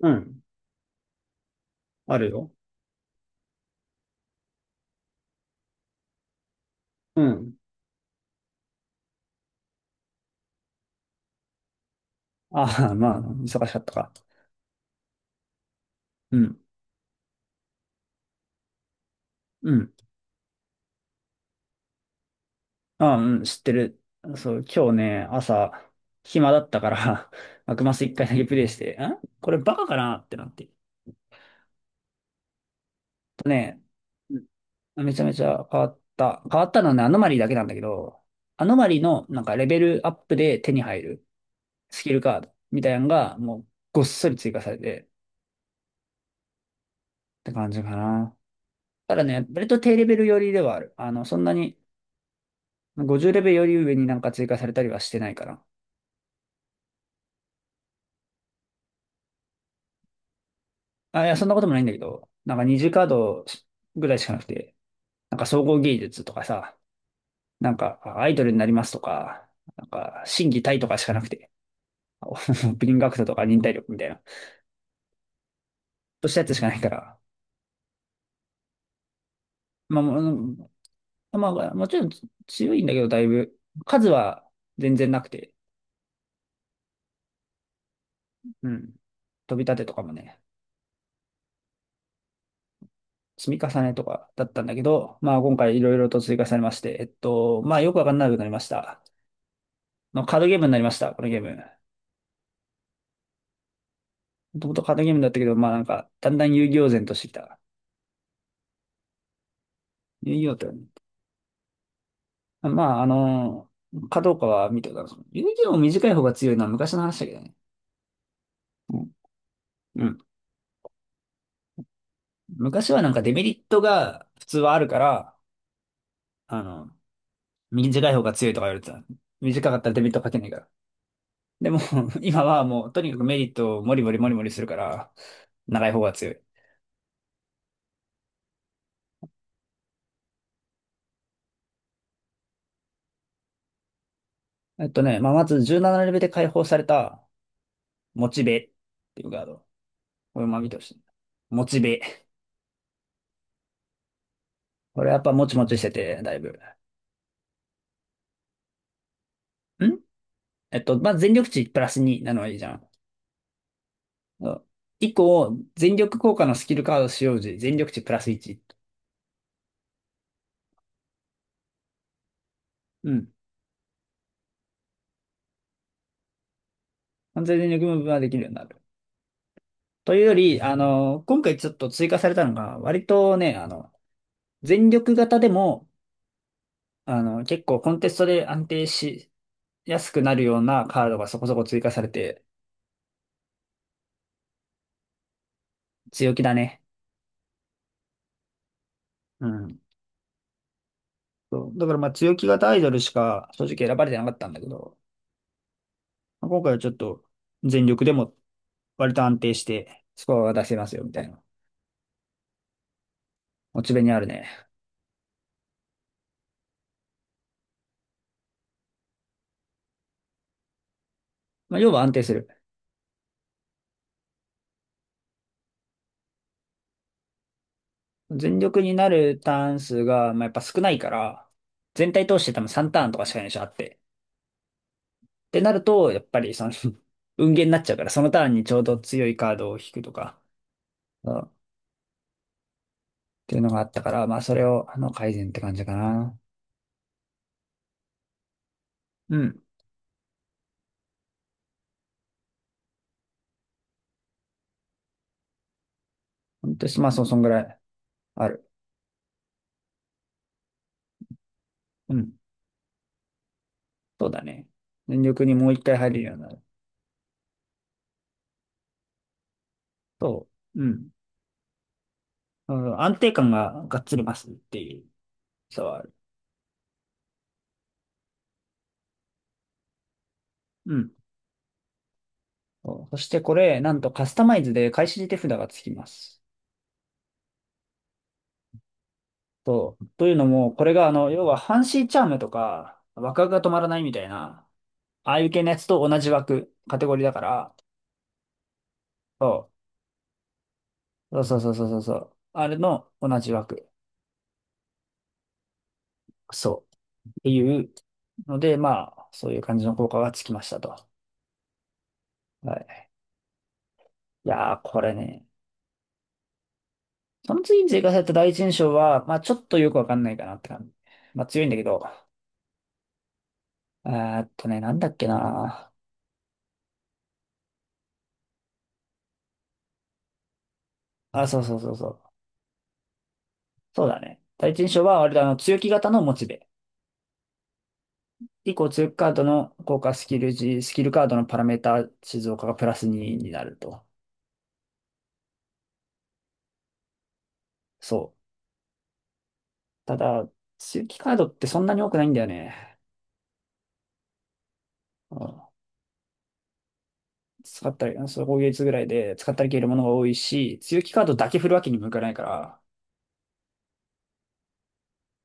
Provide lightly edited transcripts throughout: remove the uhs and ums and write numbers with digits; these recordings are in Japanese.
うん。あるよ。うん。ああ、まあ、忙しかったか。うん。うん。ああ、うん、知ってる。そう、今日ね、朝、暇だったから 幕マス一回だけプレイして、これバカかなってなって。とね、うんめちゃめちゃ変わった。変わったのはね、アノマリーだけなんだけど、アノマリーのなんかレベルアップで手に入るスキルカードみたいなのが、もうごっそり追加されてって感じかな。ただね、割と低レベル寄りではある。そんなに50レベルより上になんか追加されたりはしてないかな。あ、いや、そんなこともないんだけど、なんか二次カードぐらいしかなくて、なんか総合芸術とかさ、なんかアイドルになりますとか、なんか心技体とかしかなくて、オープニングアクト とか忍耐力みたいな、としたやつしかないから、まあ、もうまあ、もちろん強いんだけど、だいぶ、数は全然なくて、うん。飛び立てとかもね、積み重ねとかだったんだけど、まあ今回いろいろと追加されまして、まあよくわかんなくなりました。のカードゲームになりました、このゲーム。もともとカードゲームだったけど、まあなんか、だんだん遊戯王然としてきた。遊戯王ってまあかどうかは見てございます。遊戯王短い方が強いのは昔の話だけどね。うん。昔はなんかデメリットが普通はあるから、あの、短い方が強いとか言われてた。短かったらデメリットかけないから。でも、今はもうとにかくメリットをモリモリモリモリするから、長い方が強い。まあまず17レベルで解放された、モチベっていうカード。これまみとして。モチベ。これやっぱもちもちしてて、だいぶ。んまあ、全力値プラス2なのはいいじゃん。そう一個、全力効果のスキルカード使用時、全力値プラス1。うん。完全全力ムーブができるようになる。というより、今回ちょっと追加されたのが、割とね、全力型でも、結構コンテストで安定しやすくなるようなカードがそこそこ追加されて、強気だね。うん。そう。だからまあ強気型アイドルしか正直選ばれてなかったんだけど、まあ今回はちょっと全力でも割と安定してスコアが出せますよみたいな。モチベにあるね。まあ、要は安定する。全力になるターン数が、まあ、やっぱ少ないから、全体通して多分3ターンとかしかないでしょ、あって。ってなると、やっぱりその 運ゲーになっちゃうから、そのターンにちょうど強いカードを引くとか、うんっていうのがあったから、まあそれを、改善って感じかな。うん。本当に、まあそう、そんぐらいある。うん。そうだね。全力にもう一回入るようになると、うん。うん、安定感ががっつりますっていう差はある。うん。そうそしてこれ、なんとカスタマイズで開始手札がつきます。そう。というのも、これが要はハンシーチャームとか、枠が止まらないみたいな、ああいう系のやつと同じ枠、カテゴリーだから、そう。そうそうそうそうそう。あれの同じ枠。そう。っていうので、まあ、そういう感じの効果がつきましたと。はい。いやー、これね。その次に追加された第一印象は、まあちょっとよくわかんないかなって感じ。まあ強いんだけど。なんだっけな。あ、そうそうそうそう。そうだね。第一印象は、割と強気型のモチベ。以降、強気カードの効果スキル時、スキルカードのパラメータ静岡がプラス2になると。そう。ただ、強気カードってそんなに多くないんだよね。うん、使ったり、そう、攻撃率ぐらいで使ったり消えるものが多いし、強気カードだけ振るわけにもいかないから、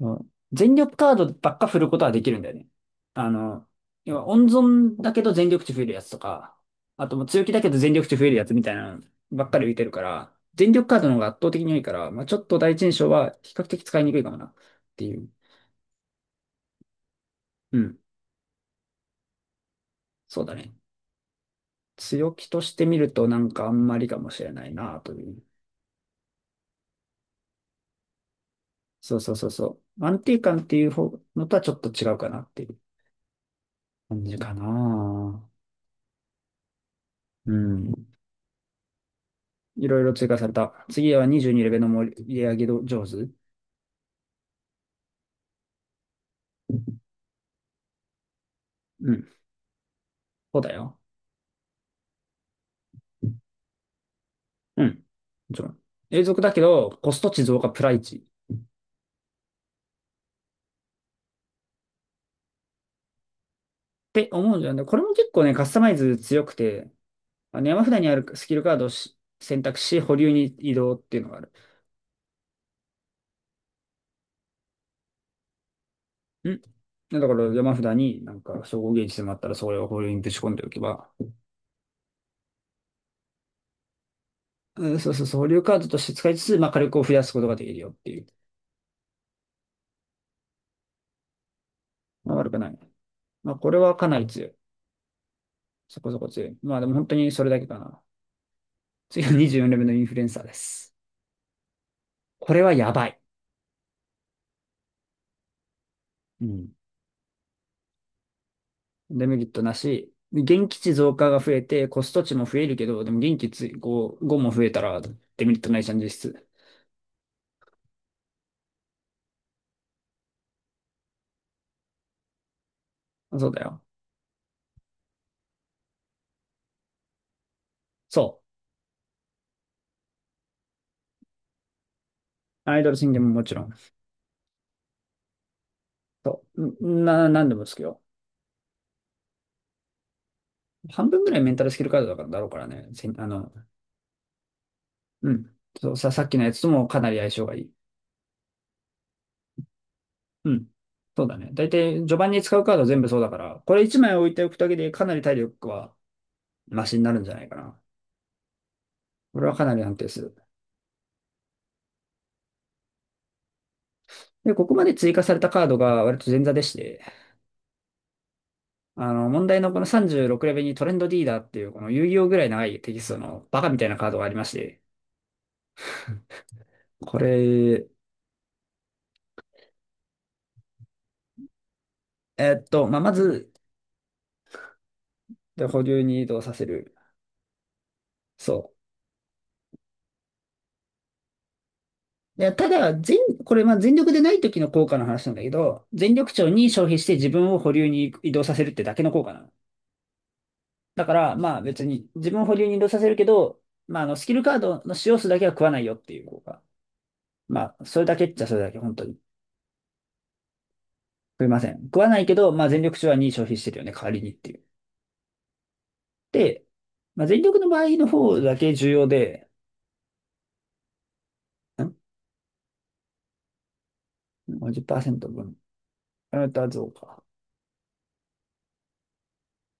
うん、全力カードばっか振ることはできるんだよね。あの、要は温存だけど全力値増えるやつとか、あともう強気だけど全力値増えるやつみたいなのばっかり浮いてるから、全力カードの方が圧倒的に多いから、まあ、ちょっと第一印象は比較的使いにくいかもなっていう。うん。そうだね。強気としてみるとなんかあんまりかもしれないなという。そうそうそうそう。安定感っていう方のとはちょっと違うかなっていう感じかな。うん。いろいろ追加された。次は22レベルの盛り上げ上手。うん。そうだよ。うん。もちろん。永続だけど、コスト値増加プライチ。って思うんじゃないこれも結構ね、カスタマイズ強くて、まあの山札にあるスキルカードを選択し、保留に移動っていうのがある。だから山札になんか称号ゲージでもあったら、それを保留にぶち込んでおけば、うんそうそうそう、保留カードとして使いつつ、まあ火力を増やすことができるよっていう。まあ悪くない。まあこれはかなり強い。そこそこ強い。まあでも本当にそれだけかな。次は24レベルのインフルエンサーです。これはやばい。うん。デメリットなし。現地値増加が増えて、コスト値も増えるけど、でも現地値5、も増えたらデメリットないじゃん、実質。そうだよ。そう。アイドル宣言ももちろん。そう。なんでもですけど。半分ぐらいメンタルスキルカードだからだろうからね。せあの、うん。そう、さっきのやつともかなり相性がいい。うん。そうだね。だいたい序盤に使うカード全部そうだから、これ1枚置いておくだけでかなり体力はマシになるんじゃないかな。これはかなり安定する。で、ここまで追加されたカードが割と前座でして、問題のこの36レベルにトレンドリーダーっていうこの遊戯王ぐらい長いテキストのバカみたいなカードがありまして、これ、まあ、まず、で、保留に移動させる。そう。で、ただ、これ、まあ、全力でない時の効果の話なんだけど、全力値に消費して自分を保留に移動させるってだけの効果なの。だから、まあ別に自分を保留に移動させるけど、まあスキルカードの使用数だけは食わないよっていう効果。まあ、それだけっちゃそれだけ、本当に。食いません。食わないけど、まあ、全力手はに消費してるよね、代わりにっていう。で、まあ、全力の場合の方だけ重要で、ん ?50% 分。あなた増加。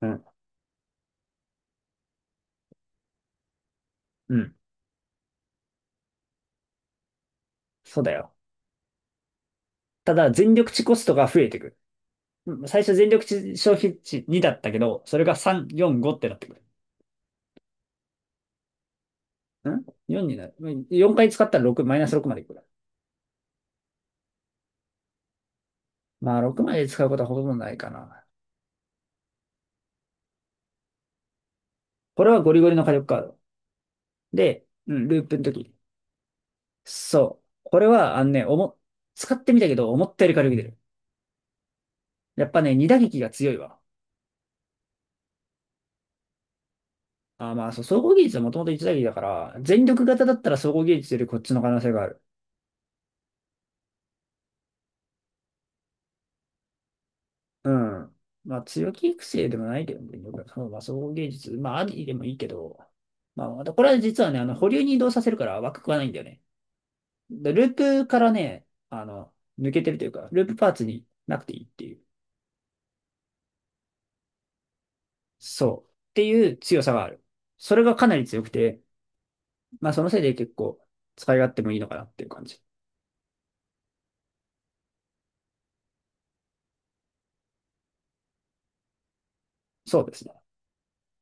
うん。うん。そうだよ。ただ、全力値コストが増えてくる。最初全力値消費値2だったけど、それが3、4、5ってなってくる。ん ?4 になる。4回使ったら6、マイナス6までいくから。まあ、6まで使うことはほとんどないかな。これはゴリゴリの火力カード。で、うん、ループの時。そう。これは、使ってみたけど、思ったより軽く出る。やっぱね、二打撃が強いわ。あー、まあ、そう、総合技術はもともと一打撃だから、全力型だったら総合技術よりこっちの可能性がある。うん。まあ、強気育成でもないけどね、全力型そうまあ、総合技術、まあ、ありでもいいけど、まあ、またこれは実はね、保留に移動させるから枠食わないんだよね。でループからね、抜けてるというか、ループパーツになくていいっていう。そう。っていう強さがある。それがかなり強くて、まあ、そのせいで結構使い勝手もいいのかなっていう感じ。そうですね。